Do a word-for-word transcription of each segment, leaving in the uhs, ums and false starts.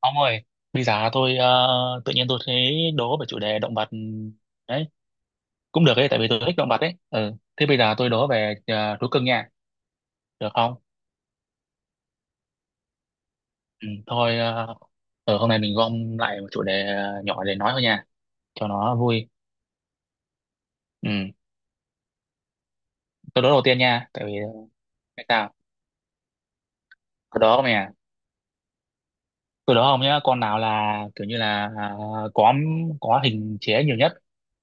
Ông ơi, bây giờ tôi ờ, tự nhiên tôi thấy đố về chủ đề động vật đấy, cũng được ấy tại vì tôi thích động vật đấy. Ừ. Thế bây giờ tôi đố về ờ, thú cưng nha, được không? Ừ, thôi, ờ, ở hôm nay mình gom lại một chủ đề ờ, nhỏ để nói thôi nha, cho nó vui. Ừ. Tôi đố đầu tiên nha, tại vì tại sao? Tôi đố ông nè, tôi đố ông nhá, con nào là kiểu như là ờ, có có hình chế nhiều nhất,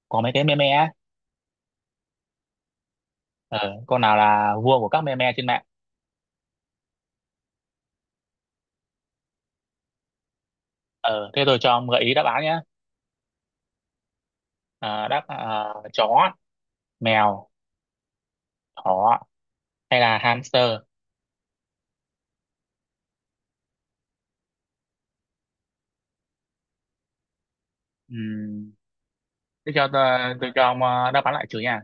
có mấy cái meme á. Ờ, con nào là vua của các meme trên mạng? Ờ, thế tôi cho ông gợi ý đáp án nhé. Ờ, đáp ờ, chó, mèo, thỏ hay là hamster. Ừm, thế cho tôi, tôi cho ông ờ, đáp án lại trừ nha,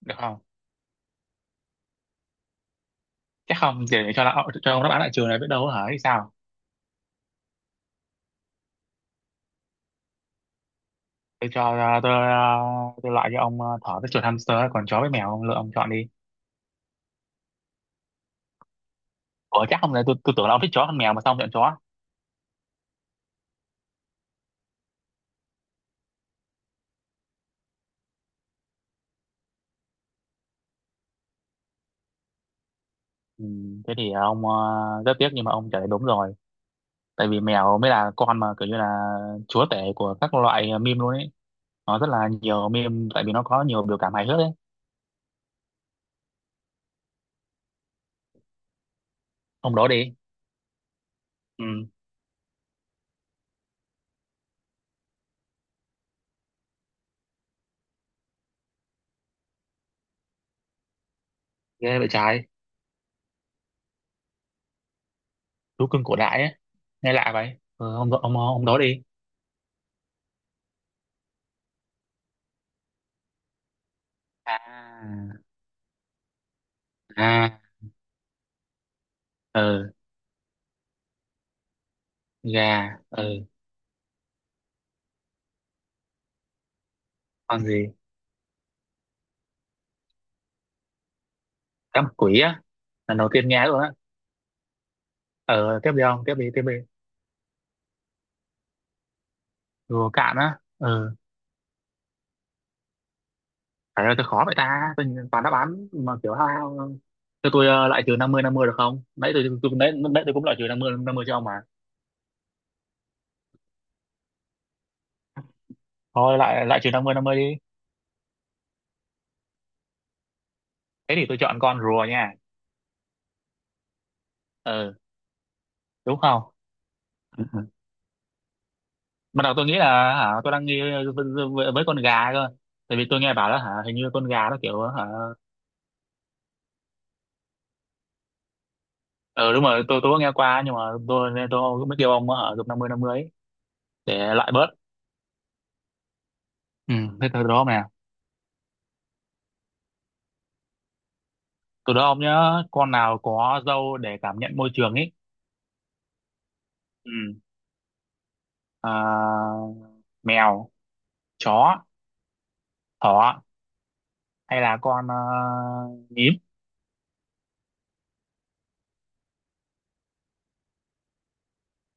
được không? Chắc không, để cho là- cho ông đáp án lại trừ này biết đâu hả hay sao. tôi cho ờ, tôi ờ, tôi loại cho ông ờ, thỏ với chuột hamster, còn chó với mèo ông lựa, ông chọn đi. Ủa chắc không, là tôi, tôi tưởng là ông thích chó hơn mèo mà sao ông chọn chó. Ừm, thế thì ờ, ông, ờ, rất tiếc nhưng mà ông trả lời đúng rồi, tại vì mèo mới là con mà kiểu như là chúa tể của các loại meme luôn ấy. Nó rất là nhiều meme tại vì nó có nhiều biểu cảm hài hước ấy. Ông đố đi. Ừ, ghê vậy trái. Thú cưng cổ đại ấy nghe lạ vậy. ờ, ông ông ông đó đi. à à ờ gà, ờ con gì? Cá mập quỷ á? Lần đầu tiên nghe luôn á. ờ tiếp đi ông, tiếp đi, tiếp đi. Rùa cạn á. Ờ. Phải là tôi khó vậy ta, tôi nhìn toàn đáp án mà kiểu hao hao. Cho tôi ờ, lại trừ năm mươi năm mươi được không, nãy tôi tôi nãy, nãy tôi cũng lại trừ năm mươi năm mươi cho ông mà. Thôi lại lại trừ năm mươi năm mươi đi. Thế thì tôi chọn con rùa nha. Ờ, đúng không? Ban đầu tôi nghĩ là, hả, tôi đang nghi với, với con gà cơ. Tại vì tôi nghe bảo là, hả, hình như con gà nó kiểu hả. Ờ đúng rồi, tôi tôi có nghe qua nhưng mà tôi, nên tôi mới kêu ông ở chục năm mươi năm mươi ấy, để loại bớt. Ừ, thế từ đó nè. Từ đó ông nhớ con nào có râu để cảm nhận môi trường ấy. Ừ. À, mèo, chó, thỏ hay là con uh, nhím.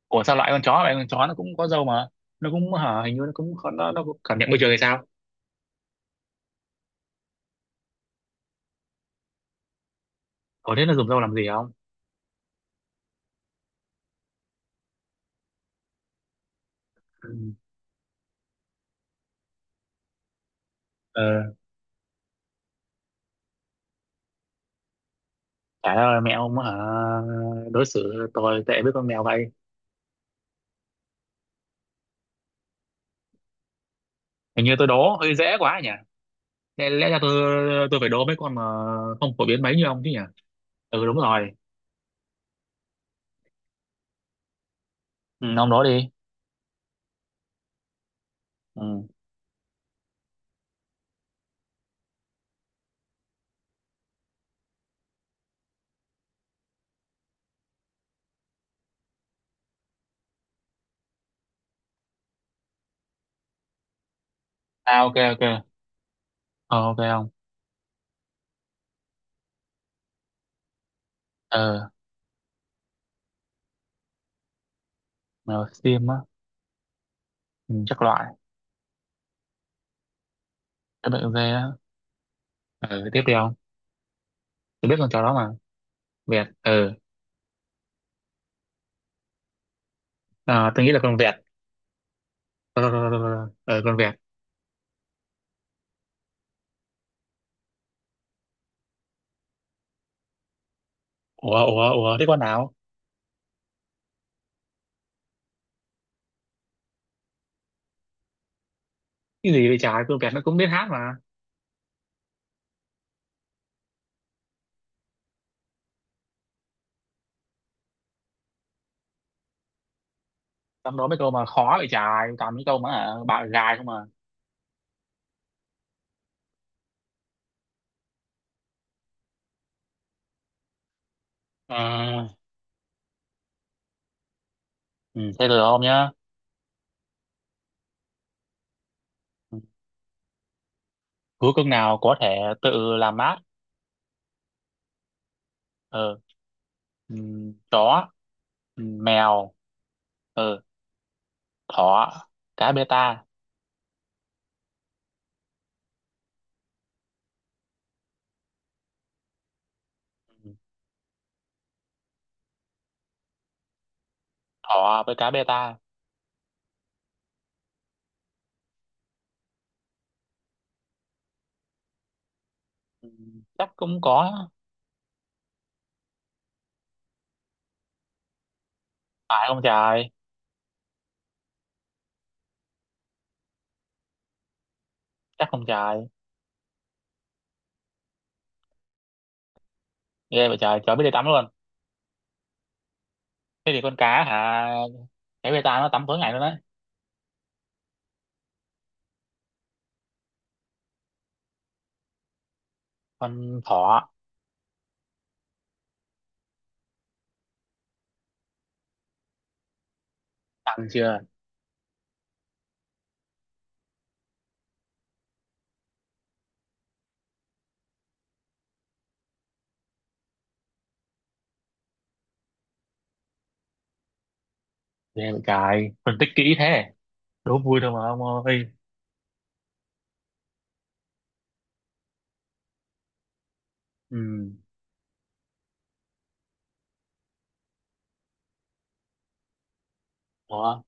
Ủa sao loại con chó vậy? Con chó nó cũng có râu mà. Nó cũng hả, hình như nó cũng, nó, nó cũng cảm nhận môi trường hay sao? Ủa thế nó dùng râu làm gì không? Ừ. Trời ơi mẹ ông hả, đối xử tôi tệ với con mèo vậy. Hình như tôi đố hơi dễ quá nhỉ, lẽ, lẽ ra tôi tôi phải đố mấy con mà không phổ biến mấy như ông chứ nhỉ. Ừ đúng rồi. Ừ, ông đố đi. Ừ. À, ok ok. ờ, ok ông. ờ mèo xiêm á. Ừ, chắc loại. Các bạn dê á. ờ tiếp đi ông. Tôi biết con chó đó mà. Vẹt ờ à, tôi nghĩ là con vẹt. ờ ờ, ờ, con vẹt. Ủa ủa ủa thế con nào? Cái gì vậy trời, con vẹt nó cũng biết hát mà. Trong đó mấy câu mà khó vậy trời, toàn mấy câu mà hả, bạo gài không mà. À, ừ, thế được không nhá? Ừ, cứ cưng nào có thể tự làm mát. Ờ, ừ, chó, ừ, mèo, ờ, thỏ, cá bê ta. Ừ, thỏ với cá bê ta. Ừ, chắc cũng có. Phải không trời? Chắc không trời. Ghê vậy trời, chó biết đi tắm luôn. Thế thì con cá hả? Cá bê ta nó tắm tối ngày luôn đấy. Con thỏ, tắm chưa? Ghê vậy trời. Phân tích kỹ thế. Đố vui thôi mà ông ơi. Ừ. Ủa?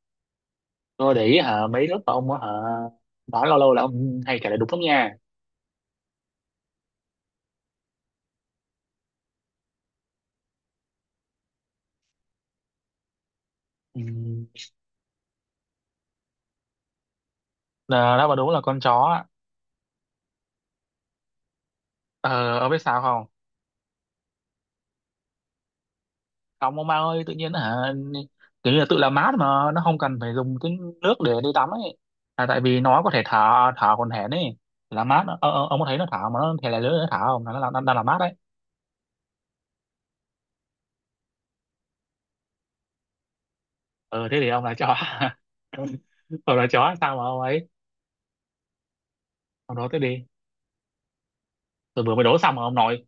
Tôi để ý hả, mấy lớp ông á hả, nói lâu lâu là ông hay kể lại đúng lắm nha. Ừ. Là nó mà đúng là con chó á. Ờ, ông biết sao không? Ông ông Mao ơi, tự nhiên hả, kiểu như là tự làm mát mà nó không cần phải dùng cái nước để đi tắm ấy, là tại vì nó có thể thở. Thở còn hển ấy, làm mát. ờ, ờ, ông có thấy nó thở mà nó thể là lưỡi nó thở không, là nó làm- đang đang làm mát đấy. ờ thế thì ông là chó. Ông là chó sao mà ông ấy, ông nói thế đi. Tôi vừa mới đố xong mà ông nói.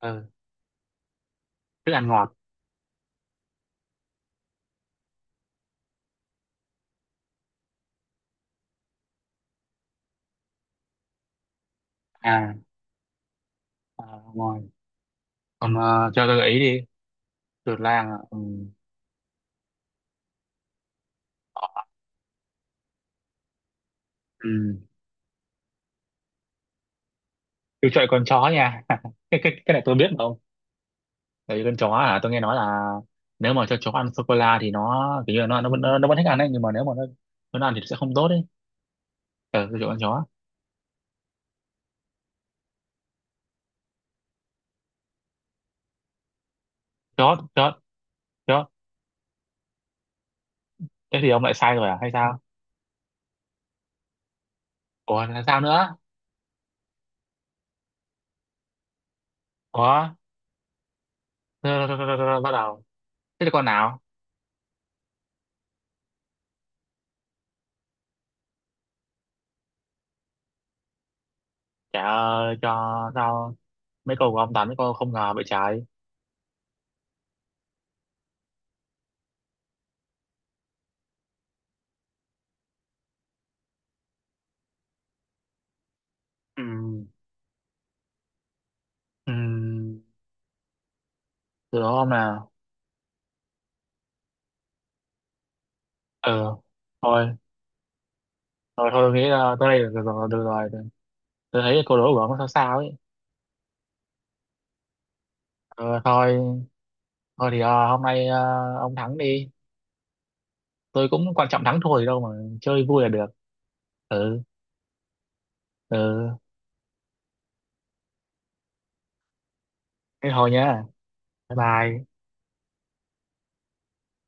ờ thức ăn ngọt. À, à ngồi. Còn uh, cho tôi gợi ý đi. Chuột lang à? Ừ. Ừ. Tôi chơi con chó nha. cái, cái cái này tôi biết mà ông, tại vì con chó à, tôi nghe nói là nếu mà cho chó ăn sô cô la thì nó kiểu như là nó nó vẫn nó vẫn thích ăn đấy, nhưng mà nếu mà nó nó ăn thì sẽ không tốt đấy. Ờ, tôi chọn con chó. Chó, chó, chó. Thế thì ông lại sai rồi à hay sao? Ủa là sao nữa? Ủa rồi, rồi, rồi, rồi, rồi, bắt đầu. Thế thì con nào? Chả cho sao. Mấy câu của ông toàn mấy câu không ngờ vậy trái. Ừ. Ừ, từ đó ông nào. Ừ, thôi. Thôi thôi, tôi nghĩ là tới đây được rồi, được rồi. Tôi thấy câu đố của ông nó sao sao ấy. Ờ, thôi, thôi thì ờ, hôm nay ờ, ông thắng đi. Tôi cũng quan trọng thắng thua gì đâu mà, chơi vui là được. Ừ, ừ. Thế thôi nhá. Bye bye.